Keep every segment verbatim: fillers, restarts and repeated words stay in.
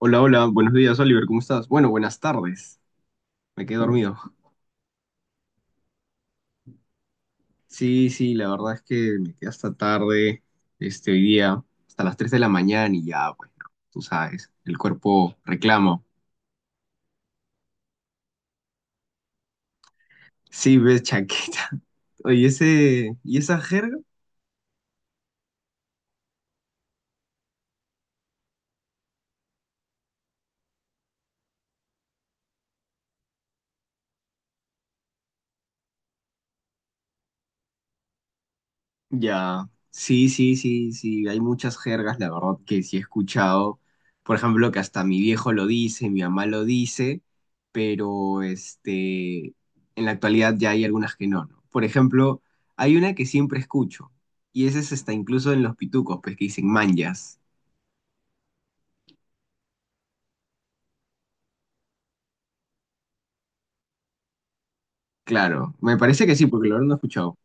Hola, hola, buenos días, Oliver, ¿cómo estás? Bueno, buenas tardes, me quedé dormido. Sí, sí, la verdad es que me quedé hasta tarde, este, hoy día, hasta las tres de la mañana y ya, bueno, tú sabes, el cuerpo reclama. Sí, ves, chaqueta. Oye, ese, ¿y esa jerga? Ya, sí, sí, sí, sí, hay muchas jergas, la verdad que sí he escuchado, por ejemplo, que hasta mi viejo lo dice, mi mamá lo dice, pero este, en la actualidad ya hay algunas que no, ¿no? Por ejemplo, hay una que siempre escucho, y esa es hasta incluso en los pitucos, pues que dicen manjas, claro, me parece que sí, porque lo habrán escuchado.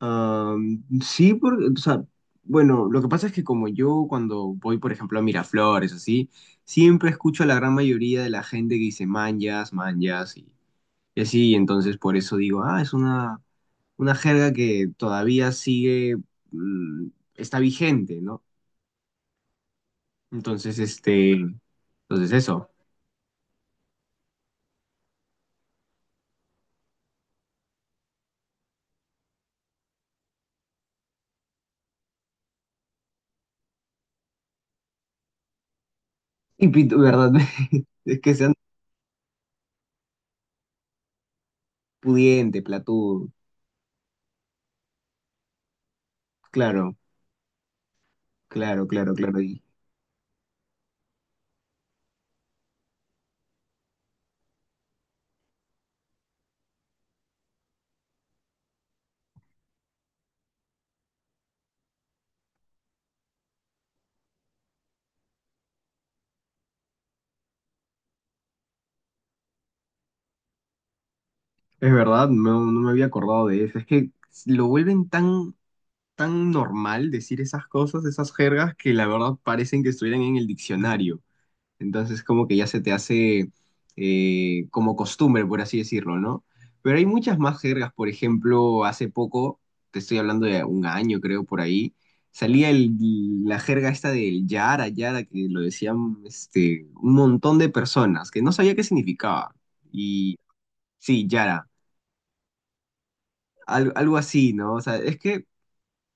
Am, sí, porque, o sea, bueno, lo que pasa es que como yo cuando voy, por ejemplo, a Miraflores, así, siempre escucho a la gran mayoría de la gente que dice manjas, manjas, y, y así, entonces por eso digo, ah, es una, una jerga que todavía sigue, mm, está vigente, ¿no? Entonces, este, entonces eso. Y pito, ¿verdad? Es que sean pudiente, platudo, claro, claro, claro, claro. Es verdad, no, no me había acordado de eso. Es que lo vuelven tan, tan normal decir esas cosas, esas jergas, que la verdad parecen que estuvieran en el diccionario. Entonces como que ya se te hace eh, como costumbre, por así decirlo, ¿no? Pero hay muchas más jergas. Por ejemplo, hace poco, te estoy hablando de un año creo por ahí, salía el- la jerga esta del Yara, Yara, que lo decían este, un montón de personas, que no sabía qué significaba. Y sí, Yara al- algo así, ¿no? O sea, es que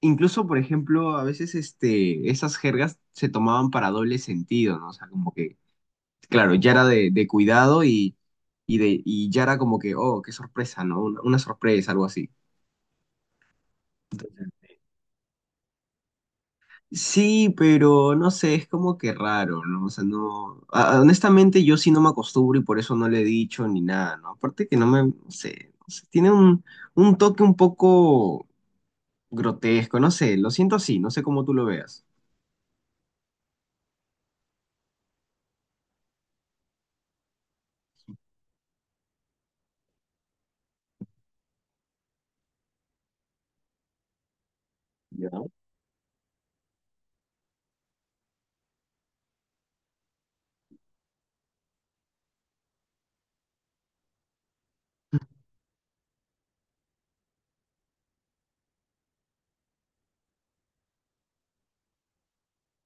incluso, por ejemplo, a veces este, esas jergas se tomaban para doble sentido, ¿no? O sea, como que, claro, ya era de, de cuidado y, y, de, y ya era como que, oh, qué sorpresa, ¿no? Una, una sorpresa, algo así. Sí, pero no sé, es como que raro, ¿no? O sea, no. Ah, ah, honestamente, yo sí no me acostumbro y por eso no le he dicho ni nada, ¿no? Aparte que no me. No sé, no sé, tiene un, un toque un poco grotesco, no sé, lo siento así, no sé cómo tú lo veas. Ya.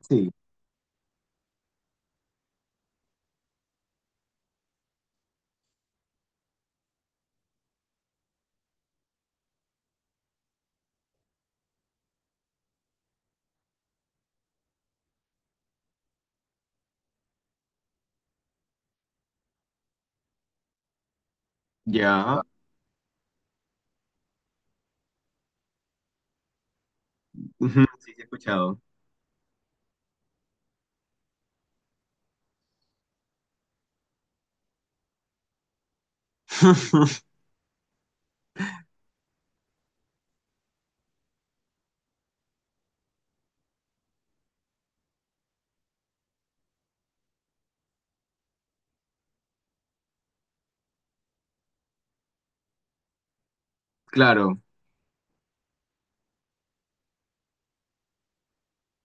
Sí. Ya, sí, sí he escuchado. Claro,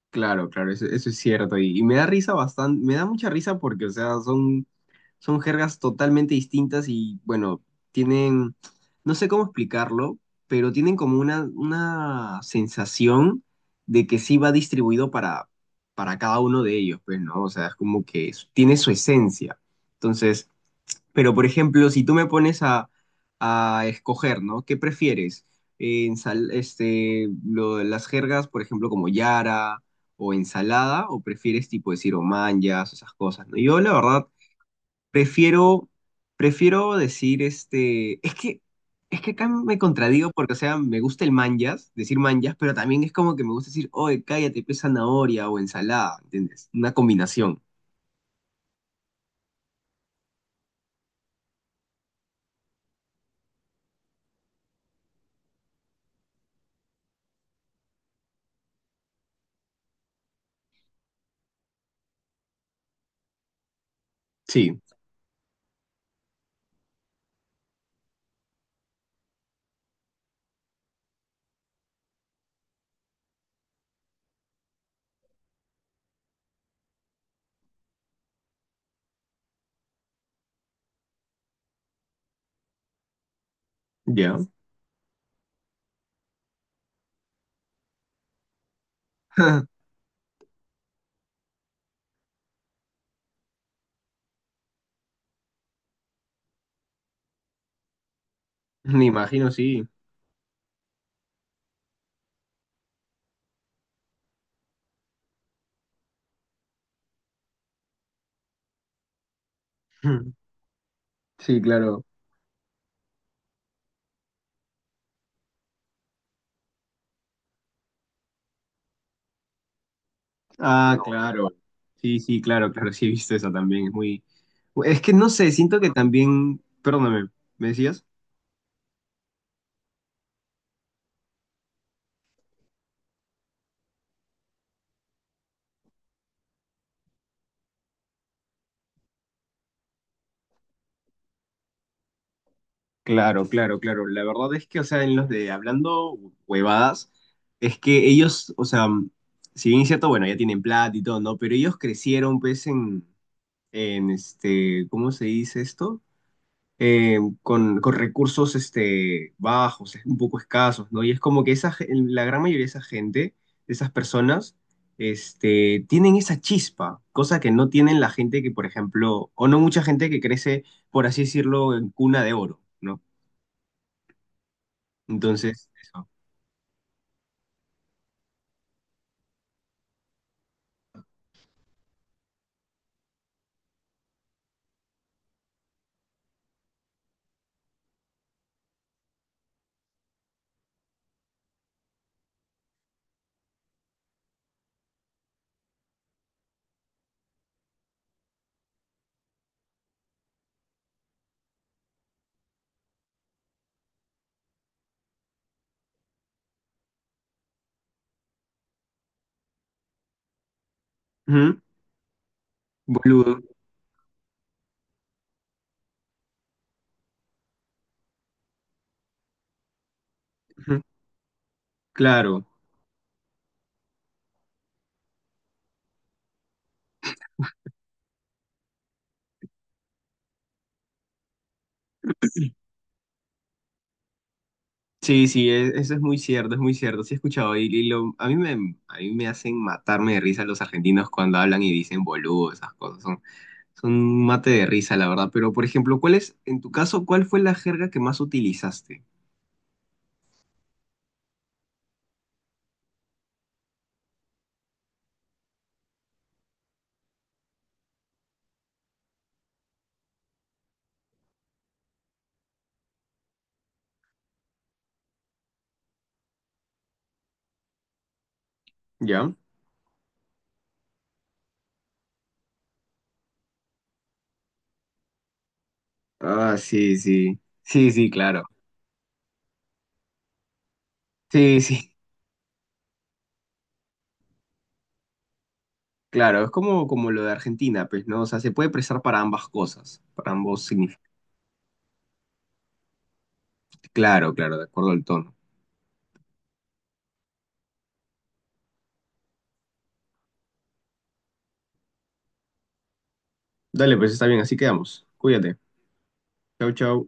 claro, claro, eso, eso es cierto. Y, y me da risa bastante, me da mucha risa porque, o sea, son, son jergas totalmente distintas y, bueno, tienen, no sé cómo explicarlo, pero tienen como una, una sensación de que sí va distribuido para, para cada uno de ellos, pues, ¿no? O sea, es como que s- tiene su esencia. Entonces, pero, por ejemplo, si tú me pones a, a escoger, ¿no? ¿Qué prefieres? Eh, ensal- este, lo- las jergas, por ejemplo, como yara o ensalada, o prefieres tipo decir omanyas, esas cosas, ¿no? Yo, la verdad, prefiero, prefiero decir este. Es que, es que acá me contradigo porque, o sea, me gusta el manjas, decir manjas, pero también es como que me gusta decir, oye, cállate, pues zanahoria o ensalada, ¿entiendes? Una combinación. Sí, ya. Me imagino, sí. Sí, claro. Ah, no, claro. Sí, sí, claro, claro, sí he visto eso también. Es muy... Es que no sé, siento que también... Perdóname, ¿me decías? Claro, claro, claro. La verdad es que, o sea, en los de hablando huevadas, es que ellos, o sea, mm, si bien es cierto, bueno, ya tienen plata y todo, ¿no? Pero ellos crecieron, pues, en, en este, ¿cómo se dice esto? eh, con, con recursos este, bajos, es un poco escasos, ¿no? Y es como que esa, ge- la gran mayoría de esa gente, de esas personas, este, tienen esa chispa, cosa que no tienen la gente que, por ejemplo, o no mucha gente que crece, por así decirlo, en cuna de oro, ¿no? Entonces, eso. Ujú. Boludo. Ujú. Claro. Sí, sí, e- eso es muy cierto, es muy cierto. Sí he escuchado y, y lo, a mí me, a mí me hacen matarme de risa los argentinos cuando hablan y dicen boludo, esas cosas. Son, son un mate de risa, la verdad. Pero, por ejemplo, ¿cuál es, en tu caso, cuál fue la jerga que más utilizaste? ¿Ya? Ah, sí, sí. Sí, sí, claro. Sí, sí, claro. Es como, como lo de Argentina, pues, ¿no? O sea, se puede prestar para ambas cosas, para ambos significados. Claro, claro, de acuerdo al tono. Dale, pues está bien, así quedamos. Cuídate. Chau, chau.